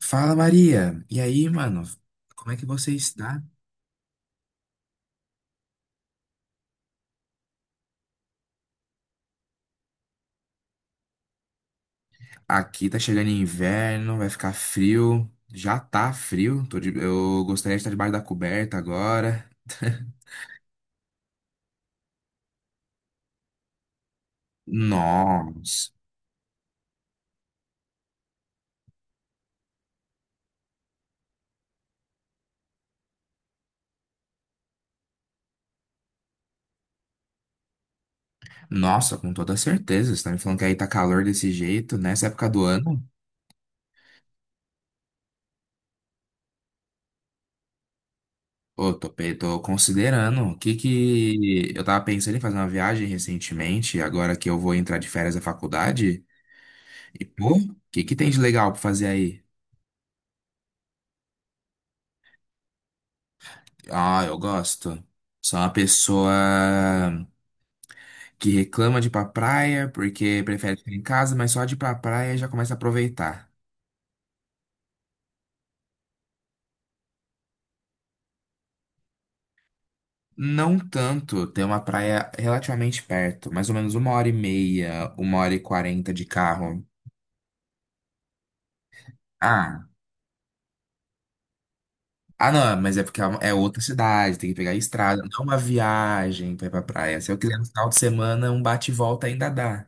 Fala, Maria. E aí, mano? Como é que você está? Aqui tá chegando inverno, vai ficar frio. Já tá frio. Eu gostaria de estar debaixo da coberta agora. Nossa. Nossa, com toda certeza. Você tá me falando que aí tá calor desse jeito nessa época do ano? Ô, tô considerando. O que que. Eu tava pensando em fazer uma viagem recentemente, agora que eu vou entrar de férias da faculdade. E, pô, o que que tem de legal pra fazer aí? Ah, eu gosto. Sou uma pessoa que reclama de ir pra praia porque prefere ficar em casa, mas só de ir pra praia já começa a aproveitar. Não tanto, tem uma praia relativamente perto, mais ou menos uma hora e meia, uma hora e quarenta de carro. Ah, ah não, mas é porque é outra cidade, tem que pegar a estrada, não é uma viagem pra ir pra praia. Se eu quiser no final de semana, um bate e volta ainda dá.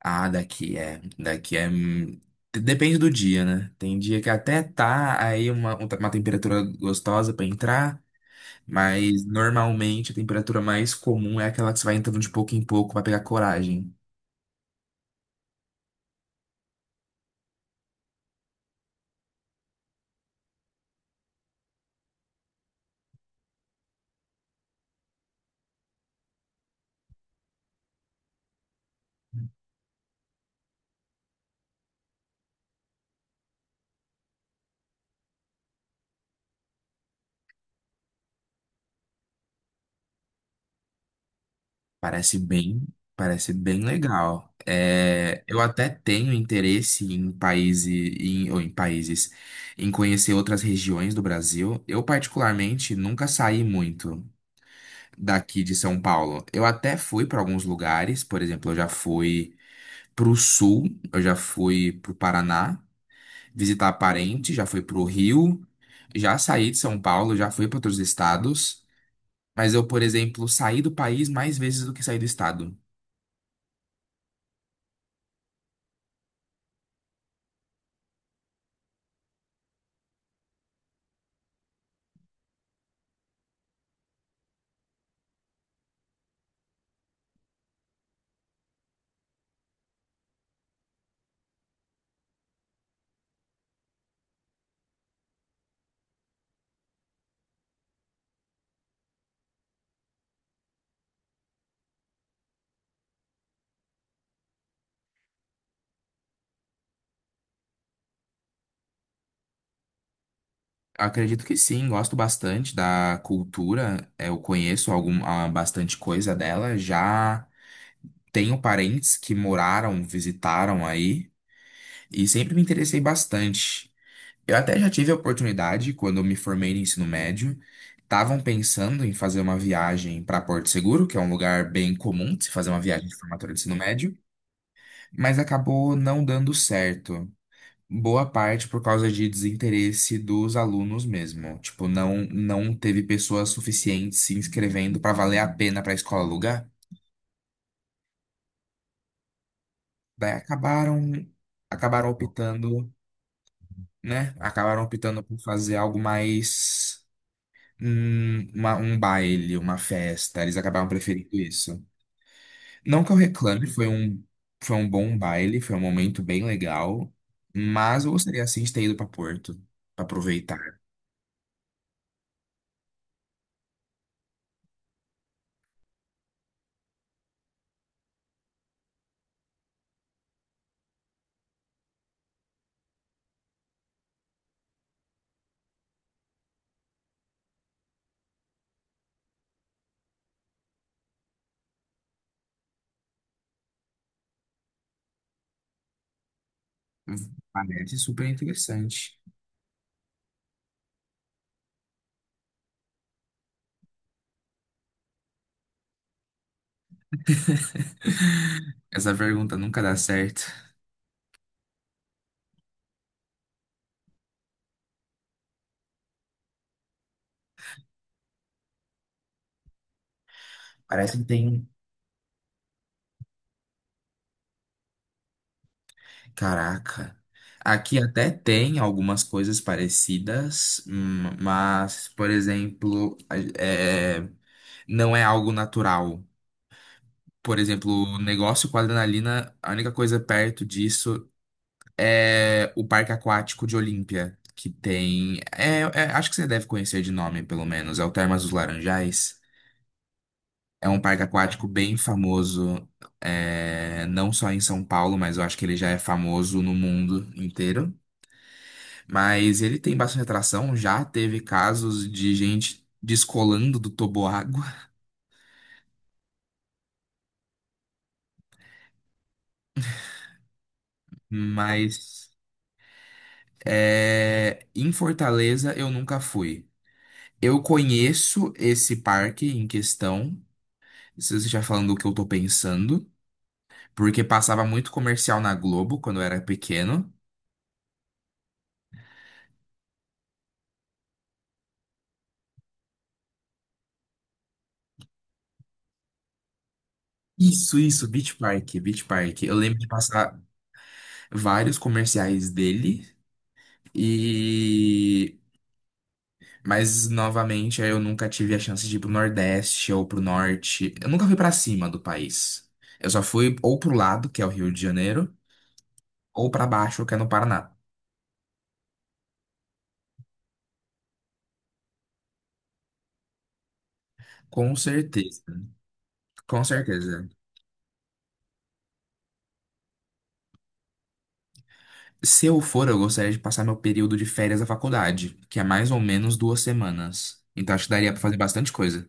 Ah, daqui é. Daqui é. Depende do dia, né? Tem dia que até tá aí uma temperatura gostosa pra entrar, mas normalmente a temperatura mais comum é aquela que você vai entrando de pouco em pouco pra pegar coragem. Parece bem, parece bem legal. É, eu até tenho interesse em países, em, ou em países, em conhecer outras regiões do Brasil. Eu particularmente nunca saí muito daqui de São Paulo. Eu até fui para alguns lugares, por exemplo, eu já fui pro sul, eu já fui pro Paraná visitar parente, já fui pro Rio, já saí de São Paulo, já fui para outros estados, mas eu, por exemplo, saí do país mais vezes do que saí do estado. Acredito que sim, gosto bastante da cultura, eu conheço algum, bastante coisa dela, já tenho parentes que moraram, visitaram aí, e sempre me interessei bastante. Eu até já tive a oportunidade, quando eu me formei no ensino médio, estavam pensando em fazer uma viagem para Porto Seguro, que é um lugar bem comum de se fazer uma viagem de formatura de ensino médio, mas acabou não dando certo. Boa parte por causa de desinteresse dos alunos mesmo. Tipo, não, não teve pessoas suficientes se inscrevendo para valer a pena para a escola alugar. Daí acabaram, acabaram optando, né? Acabaram optando por fazer algo mais um baile, uma festa. Eles acabaram preferindo isso. Não que eu reclame, foi um bom baile, foi um momento bem legal, mas eu gostaria assim de ter ido para Porto, para aproveitar. Parece super interessante. Essa pergunta nunca dá certo. Parece que tem. Caraca. Aqui até tem algumas coisas parecidas, mas, por exemplo, é, não é algo natural. Por exemplo, negócio com adrenalina, a única coisa perto disso é o Parque Aquático de Olímpia, que tem. Acho que você deve conhecer de nome, pelo menos. É o Termas dos Laranjais. É um parque aquático bem famoso, é, não só em São Paulo, mas eu acho que ele já é famoso no mundo inteiro. Mas ele tem bastante atração, já teve casos de gente descolando do toboágua, mas é, em Fortaleza eu nunca fui. Eu conheço esse parque em questão, se você já falando o que eu tô pensando, porque passava muito comercial na Globo quando eu era pequeno. Isso, Beach Park, Beach Park. Eu lembro de passar vários comerciais dele e mas novamente eu nunca tive a chance de ir pro Nordeste ou pro Norte. Eu nunca fui pra cima do país. Eu só fui ou pro lado, que é o Rio de Janeiro, ou pra baixo, que é no Paraná. Com certeza. Com certeza. Se eu for, eu gostaria de passar meu período de férias da faculdade, que é mais ou menos 2 semanas. Então acho que daria pra fazer bastante coisa.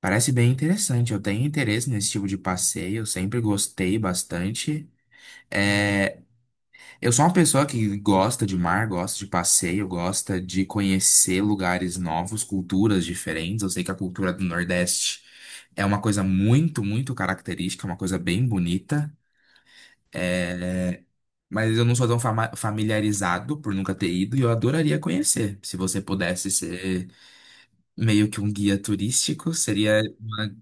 Parece bem interessante, eu tenho interesse nesse tipo de passeio, sempre gostei bastante. É, eu sou uma pessoa que gosta de mar, gosta de passeio, gosta de conhecer lugares novos, culturas diferentes. Eu sei que a cultura do Nordeste é uma coisa muito, muito característica, é uma coisa bem bonita. É, mas eu não sou tão familiarizado por nunca ter ido e eu adoraria conhecer. Se você pudesse ser meio que um guia turístico, seria uma...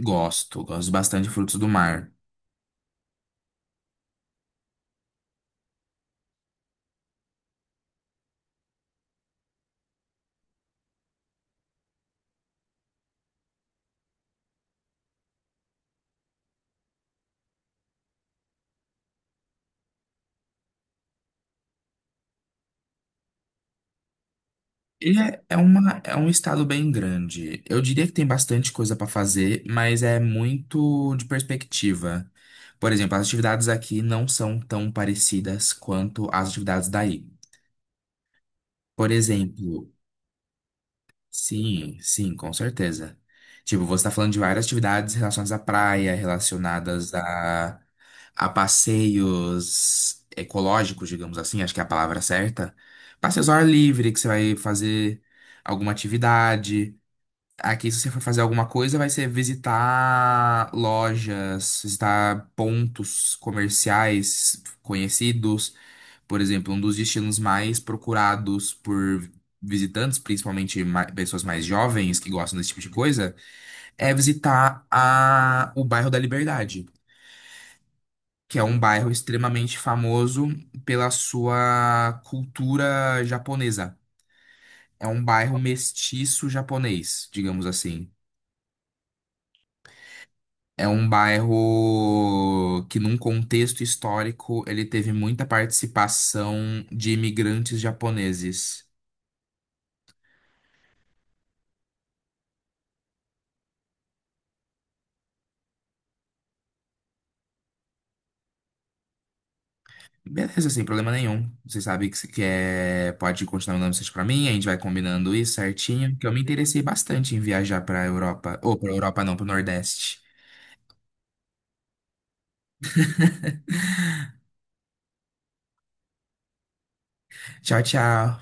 Gosto, gosto bastante de frutos do mar. E é, é, uma, é um estado bem grande. Eu diria que tem bastante coisa para fazer, mas é muito de perspectiva. Por exemplo, as atividades aqui não são tão parecidas quanto as atividades daí. Por exemplo, sim, sim, com certeza. Tipo, você tá falando de várias atividades relacionadas à praia, relacionadas a passeios ecológicos, digamos assim, acho que é a palavra certa. Passeios ao ar livre, que você vai fazer alguma atividade. Aqui, se você for fazer alguma coisa, vai ser visitar lojas, visitar pontos comerciais conhecidos. Por exemplo, um dos destinos mais procurados por visitantes, principalmente pessoas mais jovens que gostam desse tipo de coisa, é visitar o bairro da Liberdade, que é um bairro extremamente famoso pela sua cultura japonesa. É um bairro mestiço japonês, digamos assim. É um bairro que, num contexto histórico, ele teve muita participação de imigrantes japoneses. Beleza, sem problema nenhum. Você sabe que, que é, pode continuar mandando mensagem pra mim, a gente vai combinando isso certinho, que eu me interessei bastante em viajar pra Europa. Ou pra Europa não, pro Nordeste. Tchau, tchau.